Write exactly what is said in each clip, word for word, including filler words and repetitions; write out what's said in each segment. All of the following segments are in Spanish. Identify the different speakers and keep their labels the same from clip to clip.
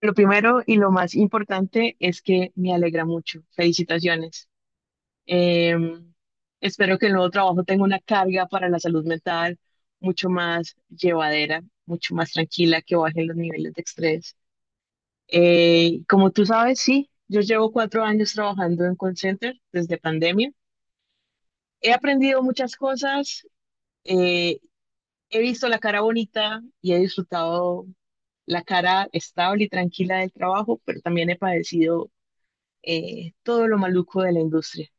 Speaker 1: Lo primero y lo más importante es que me alegra mucho. Felicitaciones. Eh, Espero que el nuevo trabajo tenga una carga para la salud mental mucho más llevadera, mucho más tranquila, que bajen los niveles de estrés. Eh, como tú sabes, sí, yo llevo cuatro años trabajando en call center desde pandemia. He aprendido muchas cosas, eh, he visto la cara bonita y he disfrutado la cara estable y tranquila del trabajo, pero también he padecido eh, todo lo maluco de la industria.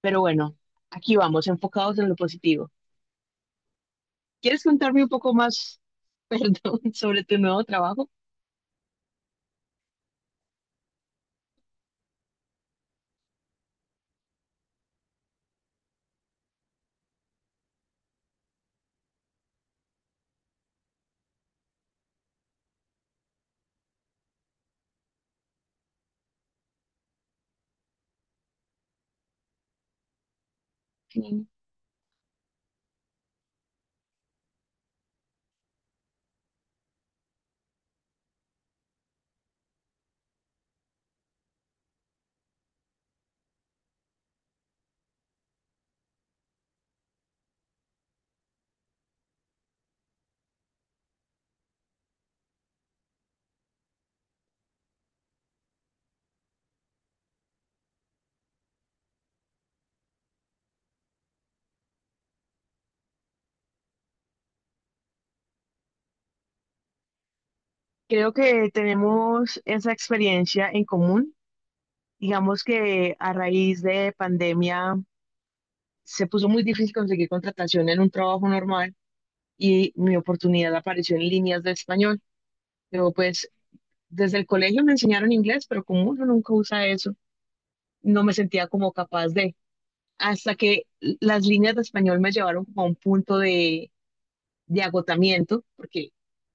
Speaker 1: Pero bueno, aquí vamos, enfocados en lo positivo. ¿Quieres contarme un poco más, perdón, sobre tu nuevo trabajo? Sí. Creo que tenemos esa experiencia en común. Digamos que a raíz de pandemia se puso muy difícil conseguir contratación en un trabajo normal y mi oportunidad apareció en líneas de español. Pero pues desde el colegio me enseñaron inglés, pero como uno nunca usa eso, no me sentía como capaz de, hasta que las líneas de español me llevaron como a un punto de, de agotamiento, porque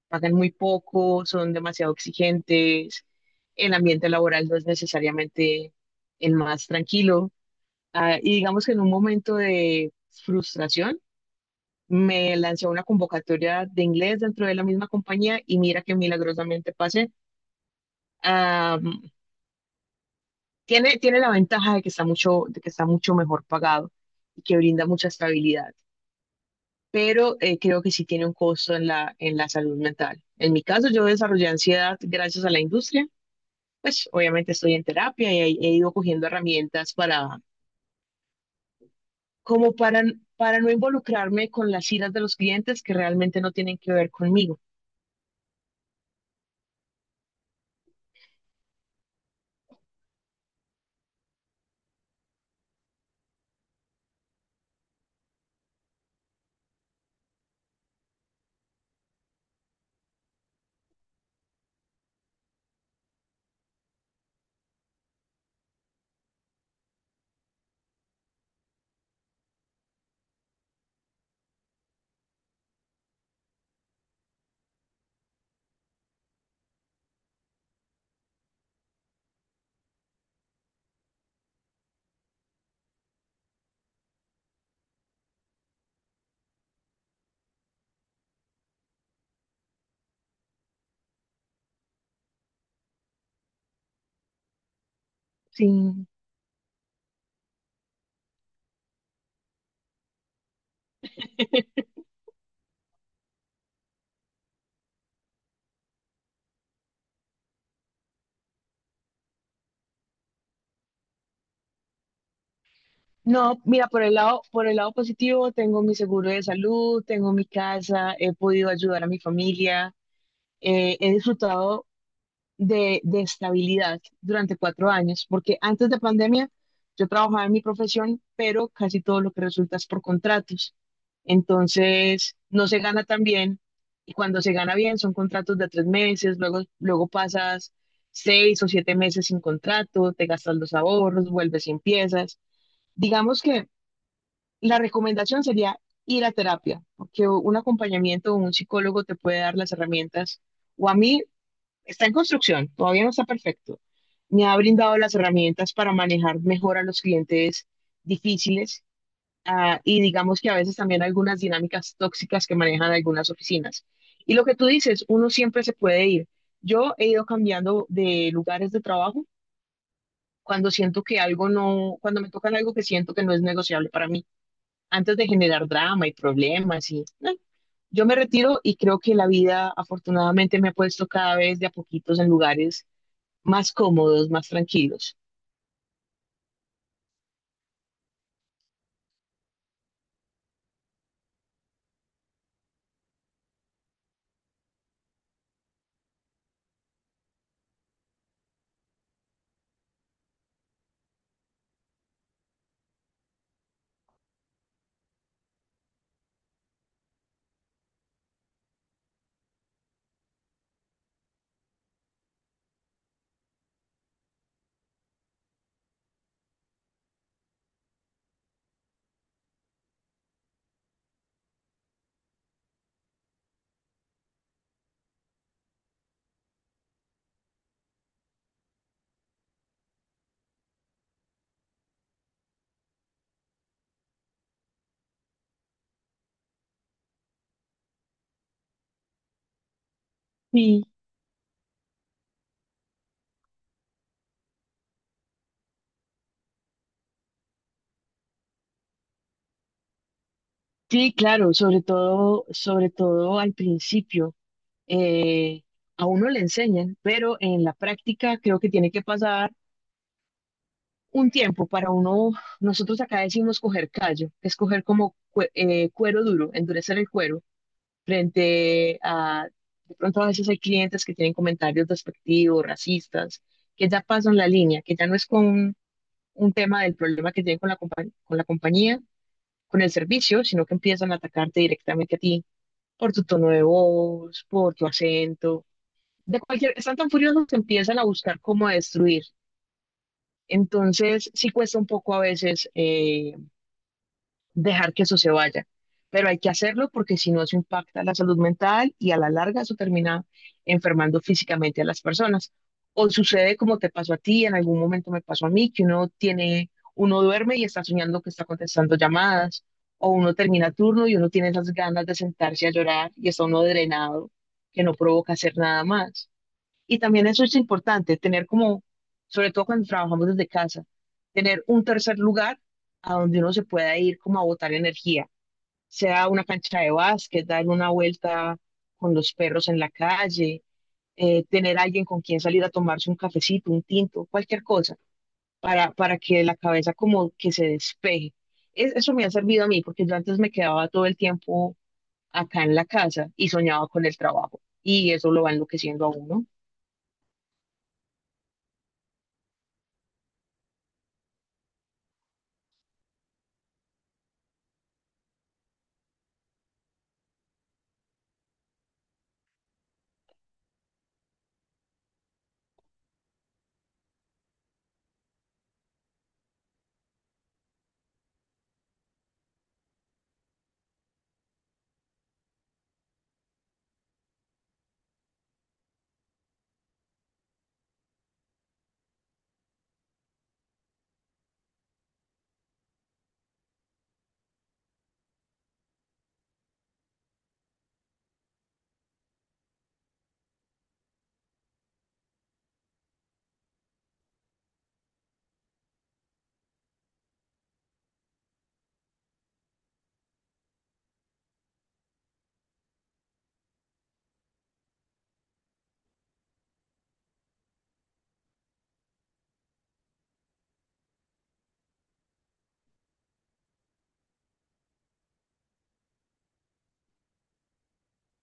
Speaker 1: pagan muy poco, son demasiado exigentes, el ambiente laboral no es necesariamente el más tranquilo. Ah, y digamos que en un momento de frustración me lancé a una convocatoria de inglés dentro de la misma compañía y mira que milagrosamente pasé. Ah, tiene, tiene la ventaja de que está mucho, de que está mucho mejor pagado y que brinda mucha estabilidad, pero eh, creo que sí tiene un costo en la, en la salud mental. En mi caso, yo desarrollé ansiedad gracias a la industria. Pues obviamente estoy en terapia y he, he ido cogiendo herramientas para, como para, para no involucrarme con las iras de los clientes que realmente no tienen que ver conmigo. Sí. No, mira, por el lado, por el lado positivo, tengo mi seguro de salud, tengo mi casa, he podido ayudar a mi familia, eh, he disfrutado de, de estabilidad durante cuatro años, porque antes de pandemia yo trabajaba en mi profesión, pero casi todo lo que resulta es por contratos. Entonces, no se gana tan bien y cuando se gana bien son contratos de tres meses, luego, luego pasas seis o siete meses sin contrato, te gastas los ahorros, vuelves y empiezas. Digamos que la recomendación sería ir a terapia, porque un acompañamiento o un psicólogo te puede dar las herramientas. O a mí, está en construcción, todavía no está perfecto. Me ha brindado las herramientas para manejar mejor a los clientes difíciles, ah, y digamos que a veces también algunas dinámicas tóxicas que manejan algunas oficinas. Y lo que tú dices, uno siempre se puede ir. Yo he ido cambiando de lugares de trabajo cuando siento que algo no, cuando me tocan algo que siento que no es negociable para mí, antes de generar drama y problemas y no, yo me retiro y creo que la vida afortunadamente me ha puesto cada vez de a poquitos en lugares más cómodos, más tranquilos. Sí. Sí, claro, sobre todo, sobre todo al principio, eh, a uno le enseñan, pero en la práctica creo que tiene que pasar un tiempo para uno, nosotros acá decimos coger callo, es coger como cue- eh, cuero duro, endurecer el cuero frente a, de pronto a veces hay clientes que tienen comentarios despectivos, racistas, que ya pasan la línea, que ya no es con un tema del problema que tienen con la, compa- con la compañía, con el servicio, sino que empiezan a atacarte directamente a ti por tu tono de voz, por tu acento, de cualquier, están tan furiosos que empiezan a buscar cómo destruir. Entonces, sí cuesta un poco a veces eh, dejar que eso se vaya. Pero hay que hacerlo porque si no eso impacta a la salud mental y a la larga eso termina enfermando físicamente a las personas. O sucede como te pasó a ti, en algún momento me pasó a mí, que uno tiene, uno duerme y está soñando que está contestando llamadas, o uno termina turno y uno tiene esas ganas de sentarse a llorar y está uno drenado, que no provoca hacer nada más. Y también eso es importante, tener como, sobre todo cuando trabajamos desde casa, tener un tercer lugar a donde uno se pueda ir como a botar energía, sea una cancha de básquet, dar una vuelta con los perros en la calle, eh, tener alguien con quien salir a tomarse un cafecito, un tinto, cualquier cosa, para, para que la cabeza como que se despeje. Es- eso me ha servido a mí, porque yo antes me quedaba todo el tiempo acá en la casa y soñaba con el trabajo, y eso lo va enloqueciendo a uno.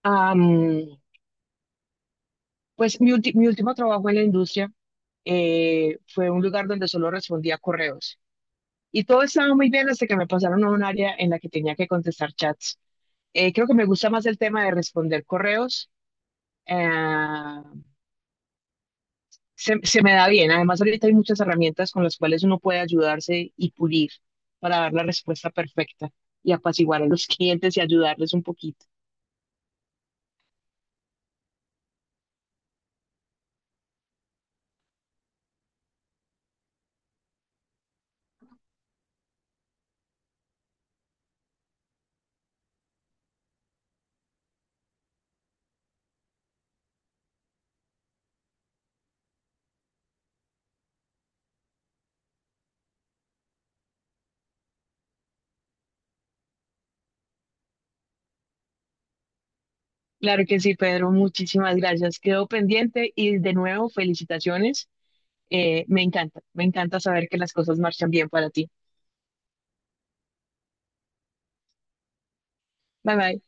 Speaker 1: Am, Pues mi, ulti- mi último trabajo en la industria eh, fue un lugar donde solo respondía correos. Y todo estaba muy bien hasta que me pasaron a un área en la que tenía que contestar chats. Eh, creo que me gusta más el tema de responder correos. eh, se, se me da bien. Además, ahorita hay muchas herramientas con las cuales uno puede ayudarse y pulir para dar la respuesta perfecta y apaciguar a los clientes y ayudarles un poquito. Claro que sí, Pedro. Muchísimas gracias. Quedo pendiente y de nuevo felicitaciones. Eh, me encanta, me encanta saber que las cosas marchan bien para ti. Bye bye.